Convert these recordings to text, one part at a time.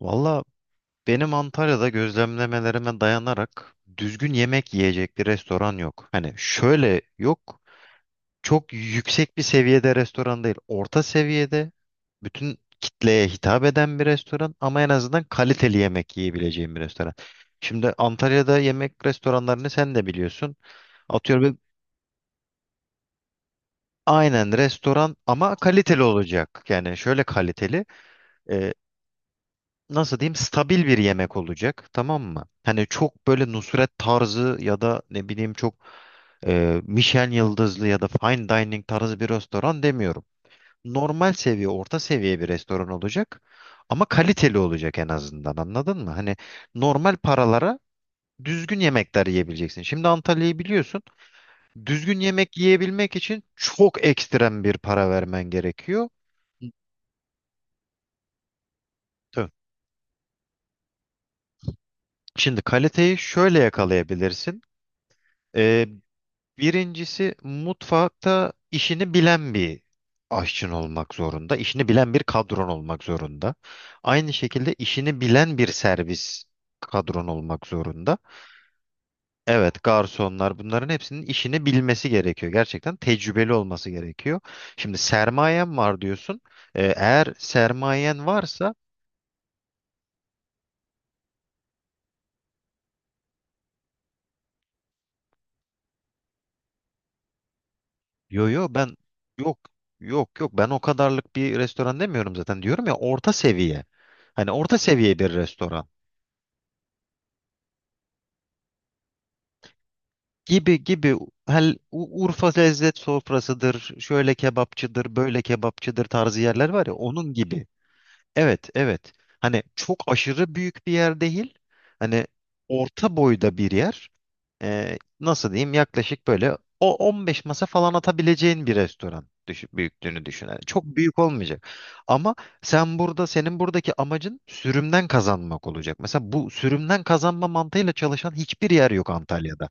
Valla benim Antalya'da gözlemlemelerime dayanarak düzgün yemek yiyecek bir restoran yok. Hani şöyle yok. Çok yüksek bir seviyede restoran değil. Orta seviyede bütün kitleye hitap eden bir restoran ama en azından kaliteli yemek yiyebileceğim bir restoran. Şimdi Antalya'da yemek restoranlarını sen de biliyorsun. Atıyorum bir- aynen restoran ama kaliteli olacak. Yani şöyle kaliteli. Nasıl diyeyim, stabil bir yemek olacak, tamam mı? Hani çok böyle Nusret tarzı ya da ne bileyim çok Michelin yıldızlı ya da fine dining tarzı bir restoran demiyorum. Normal seviye, orta seviye bir restoran olacak ama kaliteli olacak en azından, anladın mı? Hani normal paralara düzgün yemekler yiyebileceksin. Şimdi Antalya'yı biliyorsun. Düzgün yemek yiyebilmek için çok ekstrem bir para vermen gerekiyor. Tabii. Şimdi kaliteyi şöyle yakalayabilirsin. Birincisi, mutfakta işini bilen bir aşçın olmak zorunda. İşini bilen bir kadron olmak zorunda. Aynı şekilde işini bilen bir servis kadron olmak zorunda. Evet, garsonlar, bunların hepsinin işini bilmesi gerekiyor. Gerçekten tecrübeli olması gerekiyor. Şimdi sermayen var diyorsun. Eğer sermayen varsa yo yo, yok, yok, ben o kadarlık bir restoran demiyorum zaten. Diyorum ya, orta seviye. Hani orta seviye bir restoran. Gibi gibi, Urfa lezzet sofrasıdır, şöyle kebapçıdır, böyle kebapçıdır tarzı yerler var ya, onun gibi. Evet, evet. Hani çok aşırı büyük bir yer değil. Hani orta boyda bir yer. Nasıl diyeyim? Yaklaşık böyle o 15 masa falan atabileceğin bir restoran düşün, büyüklüğünü düşün. Yani çok büyük olmayacak. Ama sen burada, senin buradaki amacın sürümden kazanmak olacak. Mesela bu sürümden kazanma mantığıyla çalışan hiçbir yer yok Antalya'da.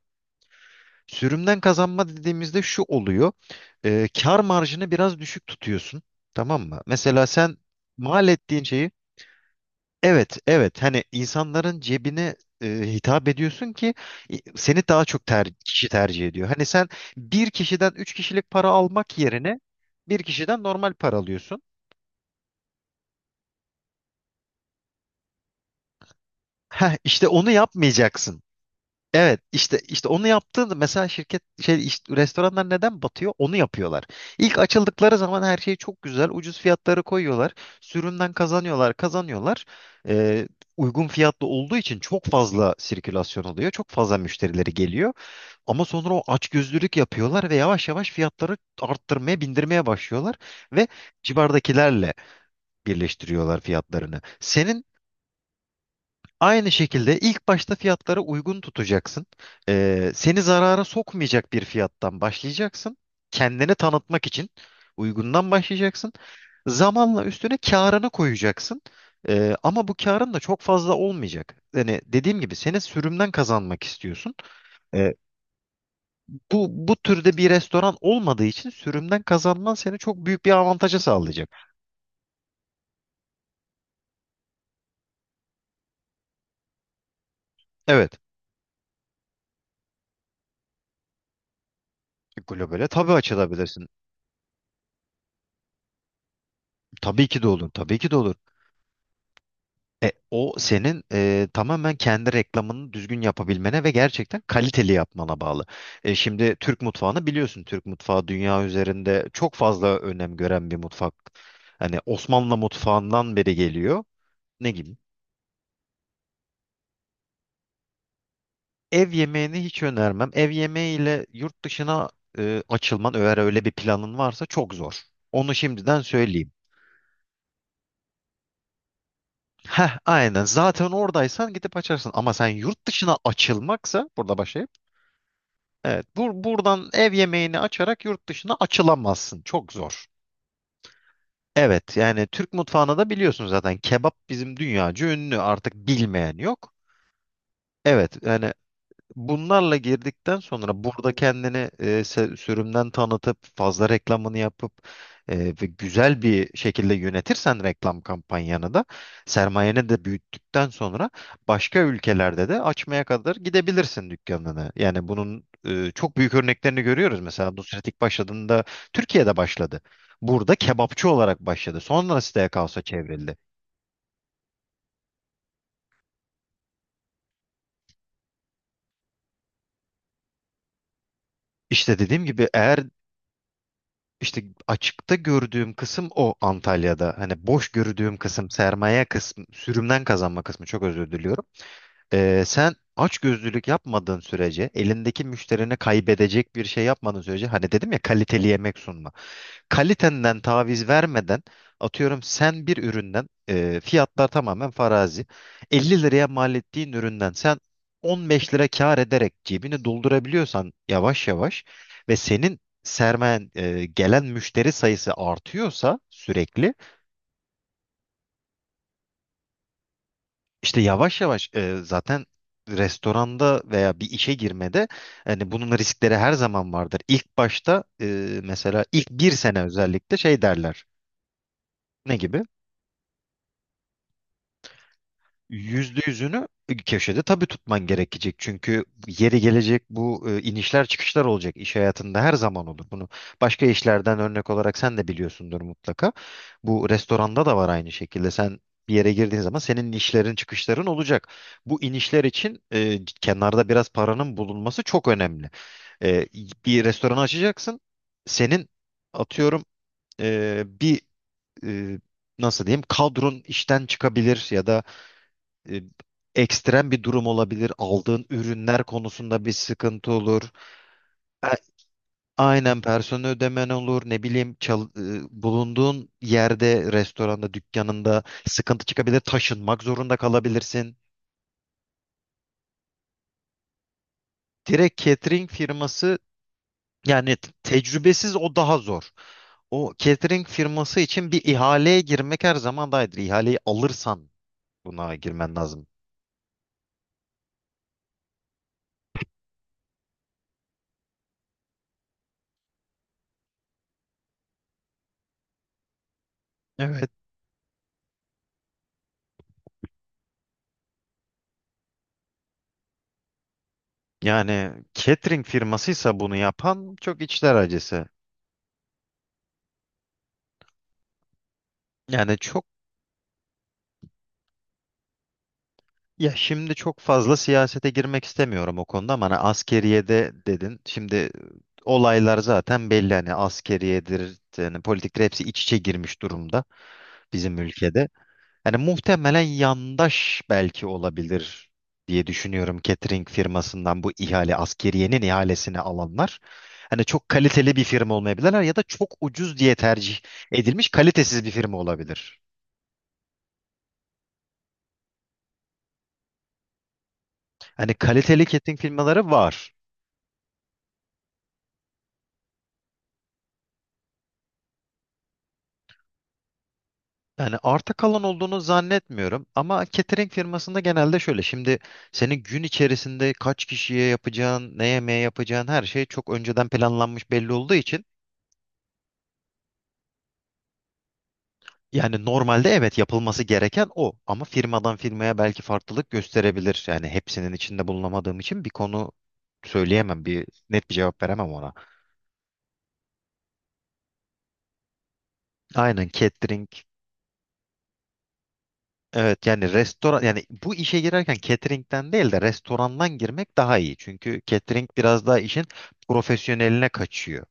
Sürümden kazanma dediğimizde şu oluyor. Kar marjını biraz düşük tutuyorsun. Tamam mı? Mesela sen mal ettiğin şeyi, evet evet, hani insanların cebine e, hitap ediyorsun ki seni daha çok kişi tercih ediyor. Hani sen bir kişiden üç kişilik para almak yerine bir kişiden normal para alıyorsun. Heh, işte onu yapmayacaksın. Evet, işte onu yaptığında mesela restoranlar neden batıyor? Onu yapıyorlar. İlk açıldıkları zaman her şey çok güzel. Ucuz fiyatları koyuyorlar. Sürümden kazanıyorlar, kazanıyorlar. Ee, uygun fiyatlı olduğu için çok fazla sirkülasyon oluyor. Çok fazla müşterileri geliyor. Ama sonra o açgözlülük yapıyorlar ve yavaş yavaş fiyatları arttırmaya, bindirmeye başlıyorlar ve civardakilerle birleştiriyorlar fiyatlarını. Aynı şekilde ilk başta fiyatlara uygun tutacaksın. Seni zarara sokmayacak bir fiyattan başlayacaksın. Kendini tanıtmak için uygundan başlayacaksın. Zamanla üstüne karını koyacaksın. Ama bu karın da çok fazla olmayacak. Yani dediğim gibi seni sürümden kazanmak istiyorsun. Ee, bu türde bir restoran olmadığı için sürümden kazanman seni çok büyük bir avantaja sağlayacak. Evet, globale tabii açılabilirsin. Tabii ki de olur, tabii ki de olur. O senin tamamen kendi reklamını düzgün yapabilmene ve gerçekten kaliteli yapmana bağlı. Şimdi Türk mutfağını biliyorsun. Türk mutfağı dünya üzerinde çok fazla önem gören bir mutfak. Hani Osmanlı mutfağından beri geliyor. Ne gibi? Ev yemeğini hiç önermem. Ev yemeğiyle yurt dışına açılman, eğer öyle bir planın varsa, çok zor. Onu şimdiden söyleyeyim. Heh, aynen. Zaten oradaysan gidip açarsın. Ama sen yurt dışına açılmaksa burada başlayıp. Evet, bu buradan ev yemeğini açarak yurt dışına açılamazsın. Çok zor. Evet, yani Türk mutfağını da biliyorsun zaten. Kebap bizim dünyaca ünlü. Artık bilmeyen yok. Evet, yani bunlarla girdikten sonra burada kendini sürümden tanıtıp fazla reklamını yapıp ve güzel bir şekilde yönetirsen reklam kampanyanı da sermayeni de büyüttükten sonra başka ülkelerde de açmaya kadar gidebilirsin dükkanını. Yani bunun çok büyük örneklerini görüyoruz. Mesela Nusret ilk başladığında Türkiye'de başladı. Burada kebapçı olarak başladı. Sonra siteye kaosa çevrildi. İşte dediğim gibi eğer İşte açıkta gördüğüm kısım o, Antalya'da. Hani boş gördüğüm kısım sermaye kısmı, sürümden kazanma kısmı, çok özür diliyorum. Sen açgözlülük yapmadığın sürece, elindeki müşterini kaybedecek bir şey yapmadığın sürece, hani dedim ya, kaliteli yemek sunmak, kalitenden taviz vermeden, atıyorum sen bir üründen, fiyatlar tamamen farazi, 50 liraya mal ettiğin üründen sen 15 lira kar ederek cebini doldurabiliyorsan yavaş yavaş, ve senin sermayen, gelen müşteri sayısı artıyorsa sürekli, işte yavaş yavaş, zaten restoranda veya bir işe girmede hani bunun riskleri her zaman vardır. İlk başta, mesela ilk bir sene özellikle şey derler. Ne gibi? Yüzde yüzünü köşede tabii tutman gerekecek. Çünkü yeri gelecek, bu inişler çıkışlar olacak. İş hayatında her zaman olur. Bunu başka işlerden örnek olarak sen de biliyorsundur mutlaka. Bu restoranda da var aynı şekilde. Sen bir yere girdiğin zaman senin inişlerin çıkışların olacak. Bu inişler için, kenarda biraz paranın bulunması çok önemli. E, bir restoran açacaksın. Senin atıyorum e, bir e, nasıl diyeyim, kadron işten çıkabilir ya da e, ekstrem bir durum olabilir. Aldığın ürünler konusunda bir sıkıntı olur. A- Aynen, personel ödemen olur. Ne bileyim, bulunduğun yerde, restoranda, dükkanında sıkıntı çıkabilir. Taşınmak zorunda kalabilirsin. Direkt catering firması yani, tecrübesiz, o daha zor. O catering firması için bir ihaleye girmek her zaman daha iyidir. İhaleyi alırsan buna girmen lazım. Evet. Yani catering firmasıysa bunu yapan, çok içler acısı. Yani çok ya şimdi çok fazla siyasete girmek istemiyorum o konuda, ama hani askeriyede dedin. Şimdi olaylar zaten belli, hani askeriyedir, yani politiktir, hepsi iç içe girmiş durumda bizim ülkede. Hani muhtemelen yandaş belki olabilir diye düşünüyorum, catering firmasından bu ihale askeriyenin ihalesini alanlar. Hani çok kaliteli bir firma olmayabilirler ya da çok ucuz diye tercih edilmiş kalitesiz bir firma olabilir. Hani kaliteli catering firmaları var. Yani arta kalan olduğunu zannetmiyorum ama catering firmasında genelde şöyle, şimdi senin gün içerisinde kaç kişiye yapacağın, ne yemeğe yapacağın her şey çok önceden planlanmış belli olduğu için, yani normalde evet yapılması gereken o, ama firmadan firmaya belki farklılık gösterebilir. Yani hepsinin içinde bulunamadığım için bir konu söyleyemem, bir net bir cevap veremem ona. Aynen catering Evet yani restoran, yani bu işe girerken catering'den değil de restorandan girmek daha iyi. Çünkü catering biraz daha işin profesyoneline kaçıyor.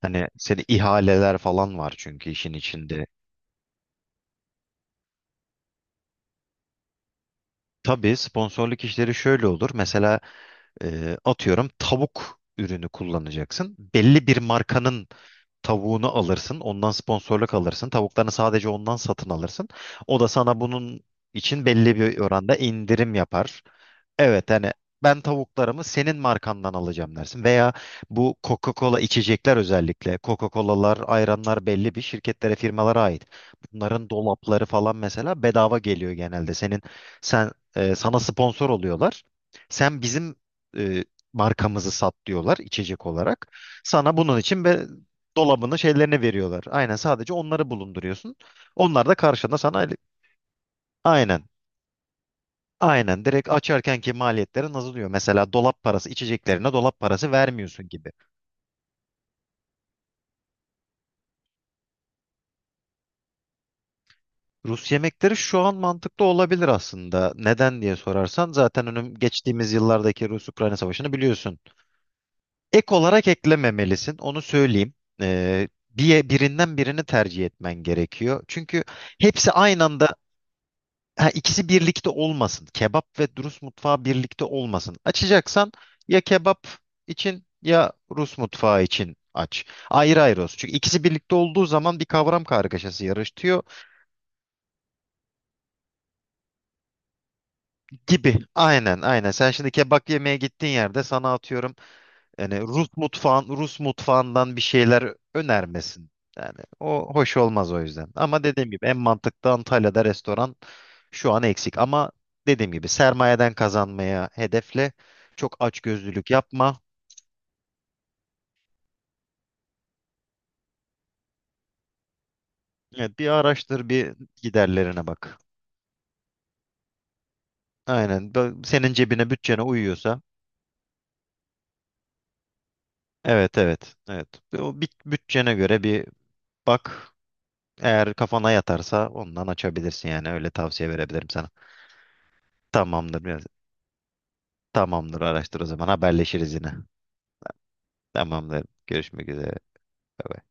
Hani seni, ihaleler falan var çünkü işin içinde. Tabii, sponsorluk işleri şöyle olur. Mesela atıyorum tavuk ürünü kullanacaksın. Belli bir markanın tavuğunu alırsın. Ondan sponsorluk alırsın. Tavuklarını sadece ondan satın alırsın. O da sana bunun için belli bir oranda indirim yapar. Evet, hani ben tavuklarımı senin markandan alacağım dersin. Veya bu Coca-Cola içecekler özellikle. Coca-Colalar, ayranlar belli bir şirketlere, firmalara ait. Bunların dolapları falan mesela bedava geliyor genelde. Sana sponsor oluyorlar. Sen bizim e, markamızı sat diyorlar, içecek olarak. Sana bunun için dolabını, şeylerini veriyorlar. Aynen, sadece onları bulunduruyorsun. Onlar da karşında sana aynen Aynen, direkt açarkenki maliyetlerin azalıyor. Mesela dolap parası, içeceklerine dolap parası vermiyorsun gibi. Rus yemekleri şu an mantıklı olabilir aslında. Neden diye sorarsan, zaten önüm geçtiğimiz yıllardaki Rus-Ukrayna savaşını biliyorsun. Ek olarak eklememelisin, onu söyleyeyim. Birinden birini tercih etmen gerekiyor. Çünkü hepsi aynı anda. Ha, ikisi birlikte olmasın. Kebap ve Rus mutfağı birlikte olmasın. Açacaksan ya kebap için ya Rus mutfağı için aç. Ayrı ayrı olsun. Çünkü ikisi birlikte olduğu zaman bir kavram kargaşası yarıştıyor gibi. Aynen, aynen. Sen şimdi kebap yemeye gittiğin yerde sana atıyorum Rus mutfağın, Rus mutfağından bir şeyler önermesin. Yani o hoş olmaz o yüzden. Ama dediğim gibi en mantıklı Antalya'da restoran şu an eksik. Ama dediğim gibi sermayeden kazanmaya hedefle. Çok açgözlülük yapma. Evet, bir araştır, bir giderlerine bak. Aynen. Senin cebine, bütçene uyuyorsa. Evet, evet, evet. O bütçene göre bir bak. Eğer kafana yatarsa ondan açabilirsin, yani öyle tavsiye verebilirim sana. Tamamdır. Tamamdır, araştır o zaman, haberleşiriz yine. Tamamdır. Görüşmek üzere. Bay bay.